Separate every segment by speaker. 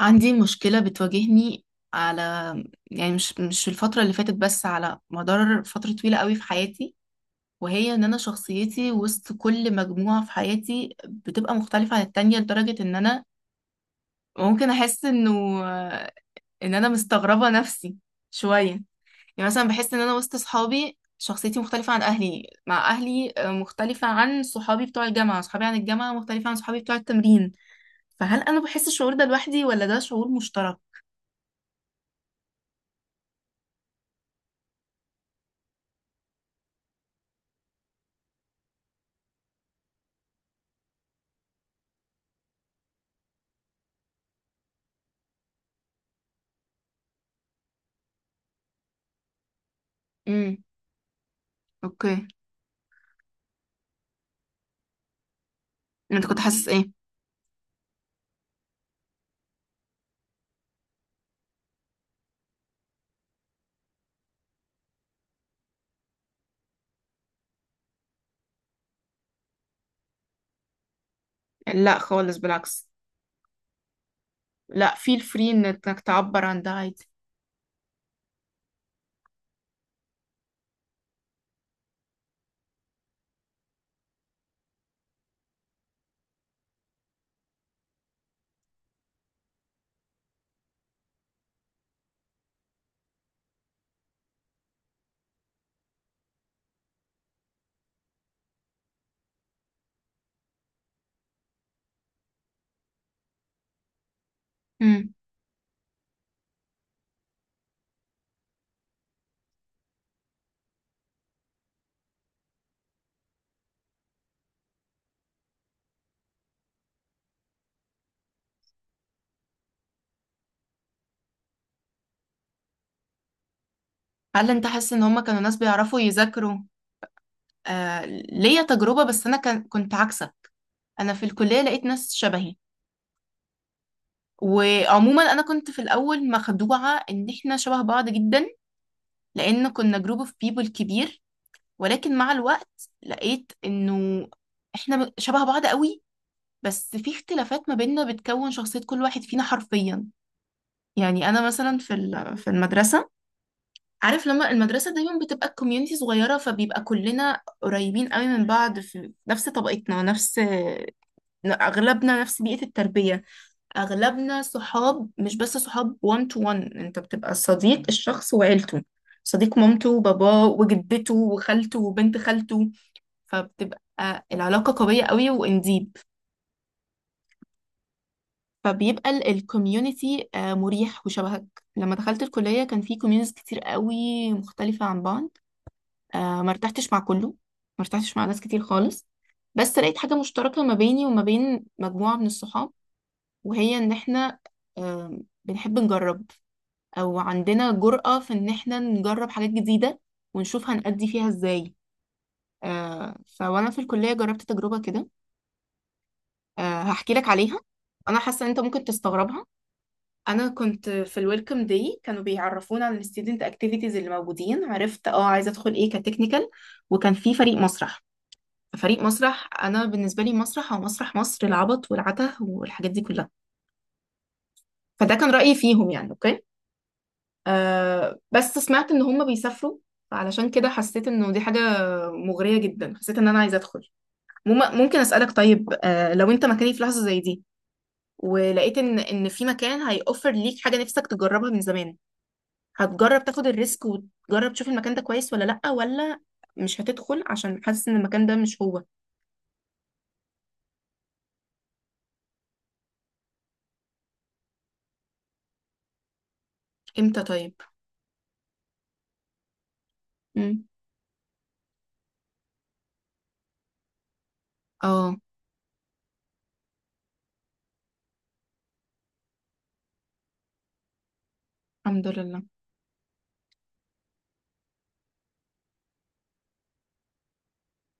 Speaker 1: عندي مشكلة بتواجهني على، يعني مش في الفترة اللي فاتت، بس على مدار فترة طويلة قوي في حياتي. وهي ان انا شخصيتي وسط كل مجموعة في حياتي بتبقى مختلفة عن التانية، لدرجة ان انا ممكن احس انه ان انا مستغربة نفسي شوية. يعني مثلا بحس ان انا وسط صحابي شخصيتي مختلفة عن اهلي، مع اهلي مختلفة عن صحابي بتوع الجامعة، صحابي عن الجامعة مختلفة عن صحابي بتوع التمرين. فهل انا بحس الشعور ده لوحدي ولا ده شعور مشترك؟ امم اوكي. انت كنت حاسس ايه؟ لا خالص، بالعكس. لا، فeel free انك تعبر عن ده عادي. مم. هل انت حاسس ان هما كانوا ناس بيعرفوا يذاكروا؟ آه، ليا تجربة، بس انا كان كنت عكسك. انا في الكلية لقيت ناس شبهي، وعموما انا كنت في الاول مخدوعة ان احنا شبه بعض جدا، لان كنا جروب اوف بيبل كبير. ولكن مع الوقت لقيت انه احنا شبه بعض قوي، بس في اختلافات ما بيننا بتكون شخصية كل واحد فينا حرفيا. يعني انا مثلا في في المدرسة، عارف لما المدرسة دايما بتبقى الكوميونتي صغيرة، فبيبقى كلنا قريبين قوي من بعض، في نفس طبقتنا، نفس أغلبنا نفس بيئة التربية، أغلبنا صحاب، مش بس صحاب one to one، أنت بتبقى صديق الشخص وعيلته، صديق مامته وباباه وجدته وخالته وبنت خالته. فبتبقى العلاقة قوية قوي وانديب. فبيبقى الكوميونتي مريح وشبهك. لما دخلت الكلية كان في كوميونيز كتير قوي، مختلفة عن بعض. آه، ما ارتحتش مع كله، ما ارتحتش مع ناس كتير خالص، بس لقيت حاجة مشتركة ما بيني وما بين مجموعة من الصحاب، وهي إن إحنا آه بنحب نجرب، أو عندنا جرأة في إن إحنا نجرب حاجات جديدة ونشوف هنأدي فيها إزاي. فوأنا في الكلية جربت تجربة كده. آه، هحكي لك عليها. أنا حاسة إن أنت ممكن تستغربها. أنا كنت في الويلكم داي كانوا بيعرفونا عن الستودنت أكتيفيتيز اللي موجودين، عرفت أه عايزة أدخل إيه كتكنيكال، وكان في فريق مسرح. فريق مسرح انا بالنسبه لي مسرح او مسرح مصر العبط والعته والحاجات دي كلها. فده كان رايي فيهم، يعني اوكي. آه، بس سمعت ان هم بيسافروا، فعلشان كده حسيت انه دي حاجه مغريه جدا، حسيت ان انا عايزه ادخل. ممكن اسالك طيب، آه لو انت مكاني في لحظه زي دي ولقيت ان ان في مكان هيوفر ليك حاجه نفسك تجربها من زمان، هتجرب تاخد الريسك وتجرب تشوف المكان ده كويس ولا لا، ولا مش هتدخل عشان حاسس ان المكان ده مش هو؟ امتى طيب؟ امم. اه. الحمد لله.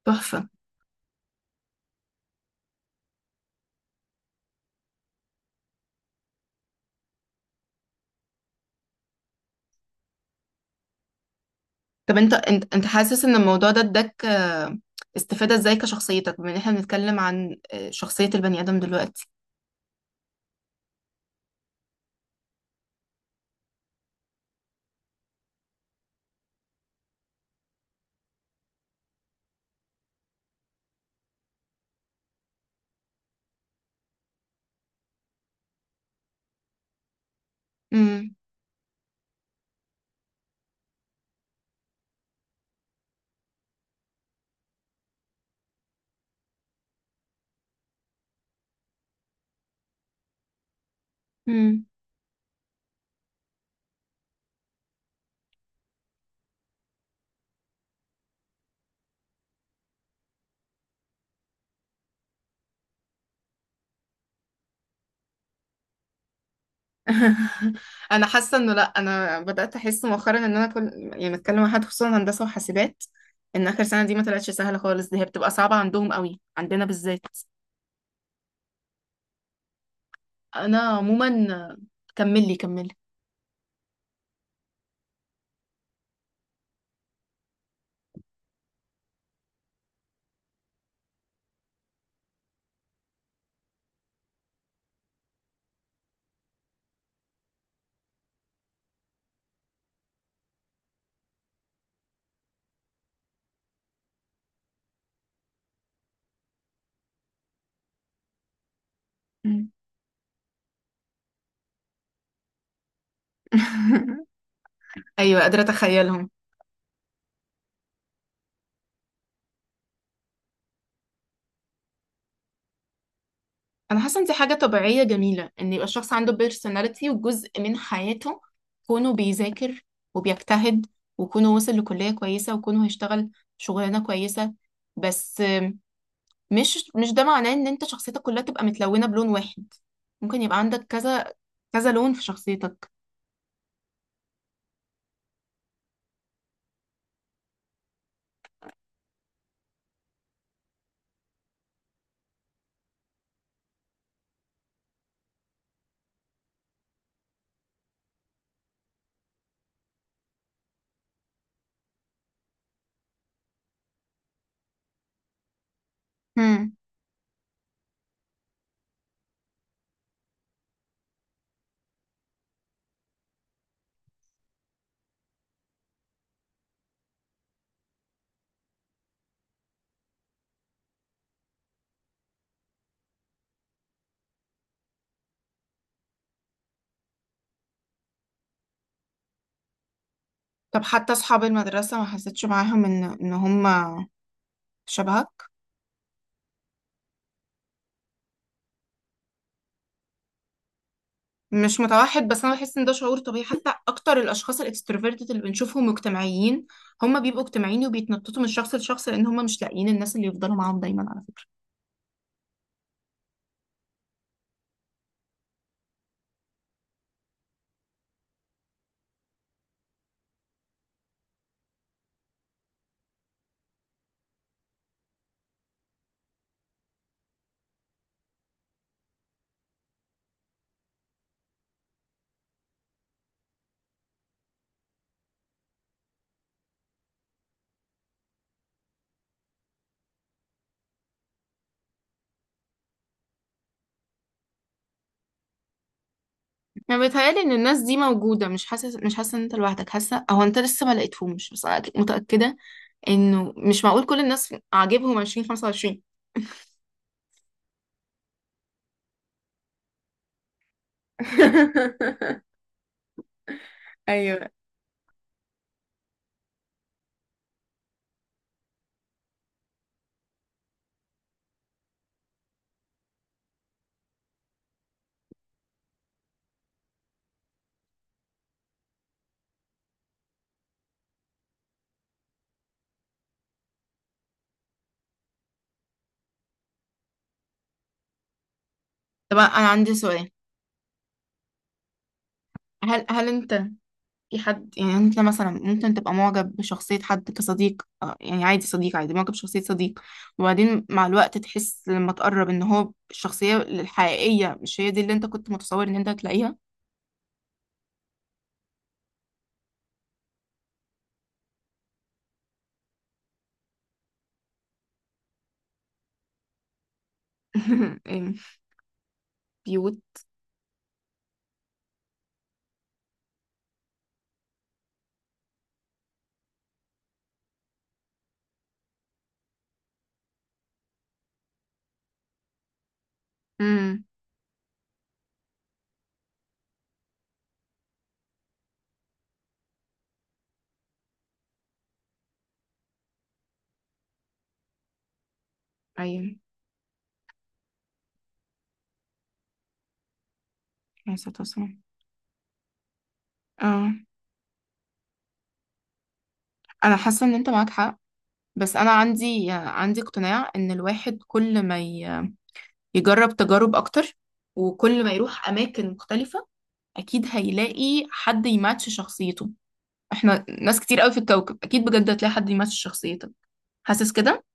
Speaker 1: تحفة. طب انت، انت حاسس ان الموضوع ده اداك استفادة ازاي كشخصيتك، بما ان احنا بنتكلم عن شخصية البني ادم دلوقتي؟ امم. امم. انا حاسة انه لا، انا بدأت احس مؤخرا ان انا كل يعني بتكلم مع حد خصوصا هندسة وحاسبات، ان اخر سنة دي ما طلعتش سهلة خالص، دي هي بتبقى صعبة عندهم قوي، عندنا بالذات. انا عموما كملي كملي. مم. ايوه، قادرة اتخيلهم. انا حاسه ان دي حاجه طبيعيه جميله، ان يبقى الشخص عنده بيرسوناليتي وجزء من حياته كونه بيذاكر وبيجتهد، وكونه وصل لكليه كويسه، وكونه هيشتغل شغلانه كويسه. بس مش ده معناه ان انت شخصيتك كلها تبقى متلونه بلون واحد. ممكن يبقى عندك كذا كذا لون في شخصيتك. هم. طب حتى اصحاب المدرسه ما حسيتش معاهم ان هم شبهك؟ مش متوحد، بس انا بحس ان ده شعور طبيعي. حتى اكتر الاشخاص الاكستروفيرتد اللي بنشوفهم مجتمعيين، هم بيبقوا اجتماعيين وبيتنططوا من شخص لشخص، لان هم مش لاقيين الناس اللي يفضلوا معاهم دايما على فكره. انا بيتهيالي ان الناس دي موجوده، مش حاسه ان انت لوحدك، حاسه او انت لسه ما لقيتهمش، بس انا أكيد متاكده انه مش معقول كل الناس عاجبهم 20 25. ايوه. طب انا عندي سؤال. هل انت في حد، يعني انت مثلا ممكن تبقى معجب بشخصية حد كصديق، يعني عادي صديق عادي معجب بشخصية صديق، وبعدين مع الوقت تحس لما تقرب ان هو الشخصية الحقيقية مش هي دي اللي انت كنت متصور ان انت هتلاقيها؟ إيه، بيوت؟ امم. ايوه. عليه الصلاة والسلام. اه. انا حاسة ان انت معاك حق، بس انا عندي، عندي اقتناع ان الواحد كل ما يجرب تجارب اكتر وكل ما يروح اماكن مختلفة، اكيد هيلاقي حد يماتش شخصيته. احنا ناس كتير قوي في الكوكب، اكيد بجد هتلاقي حد يمثل شخصيتك. حاسس كده؟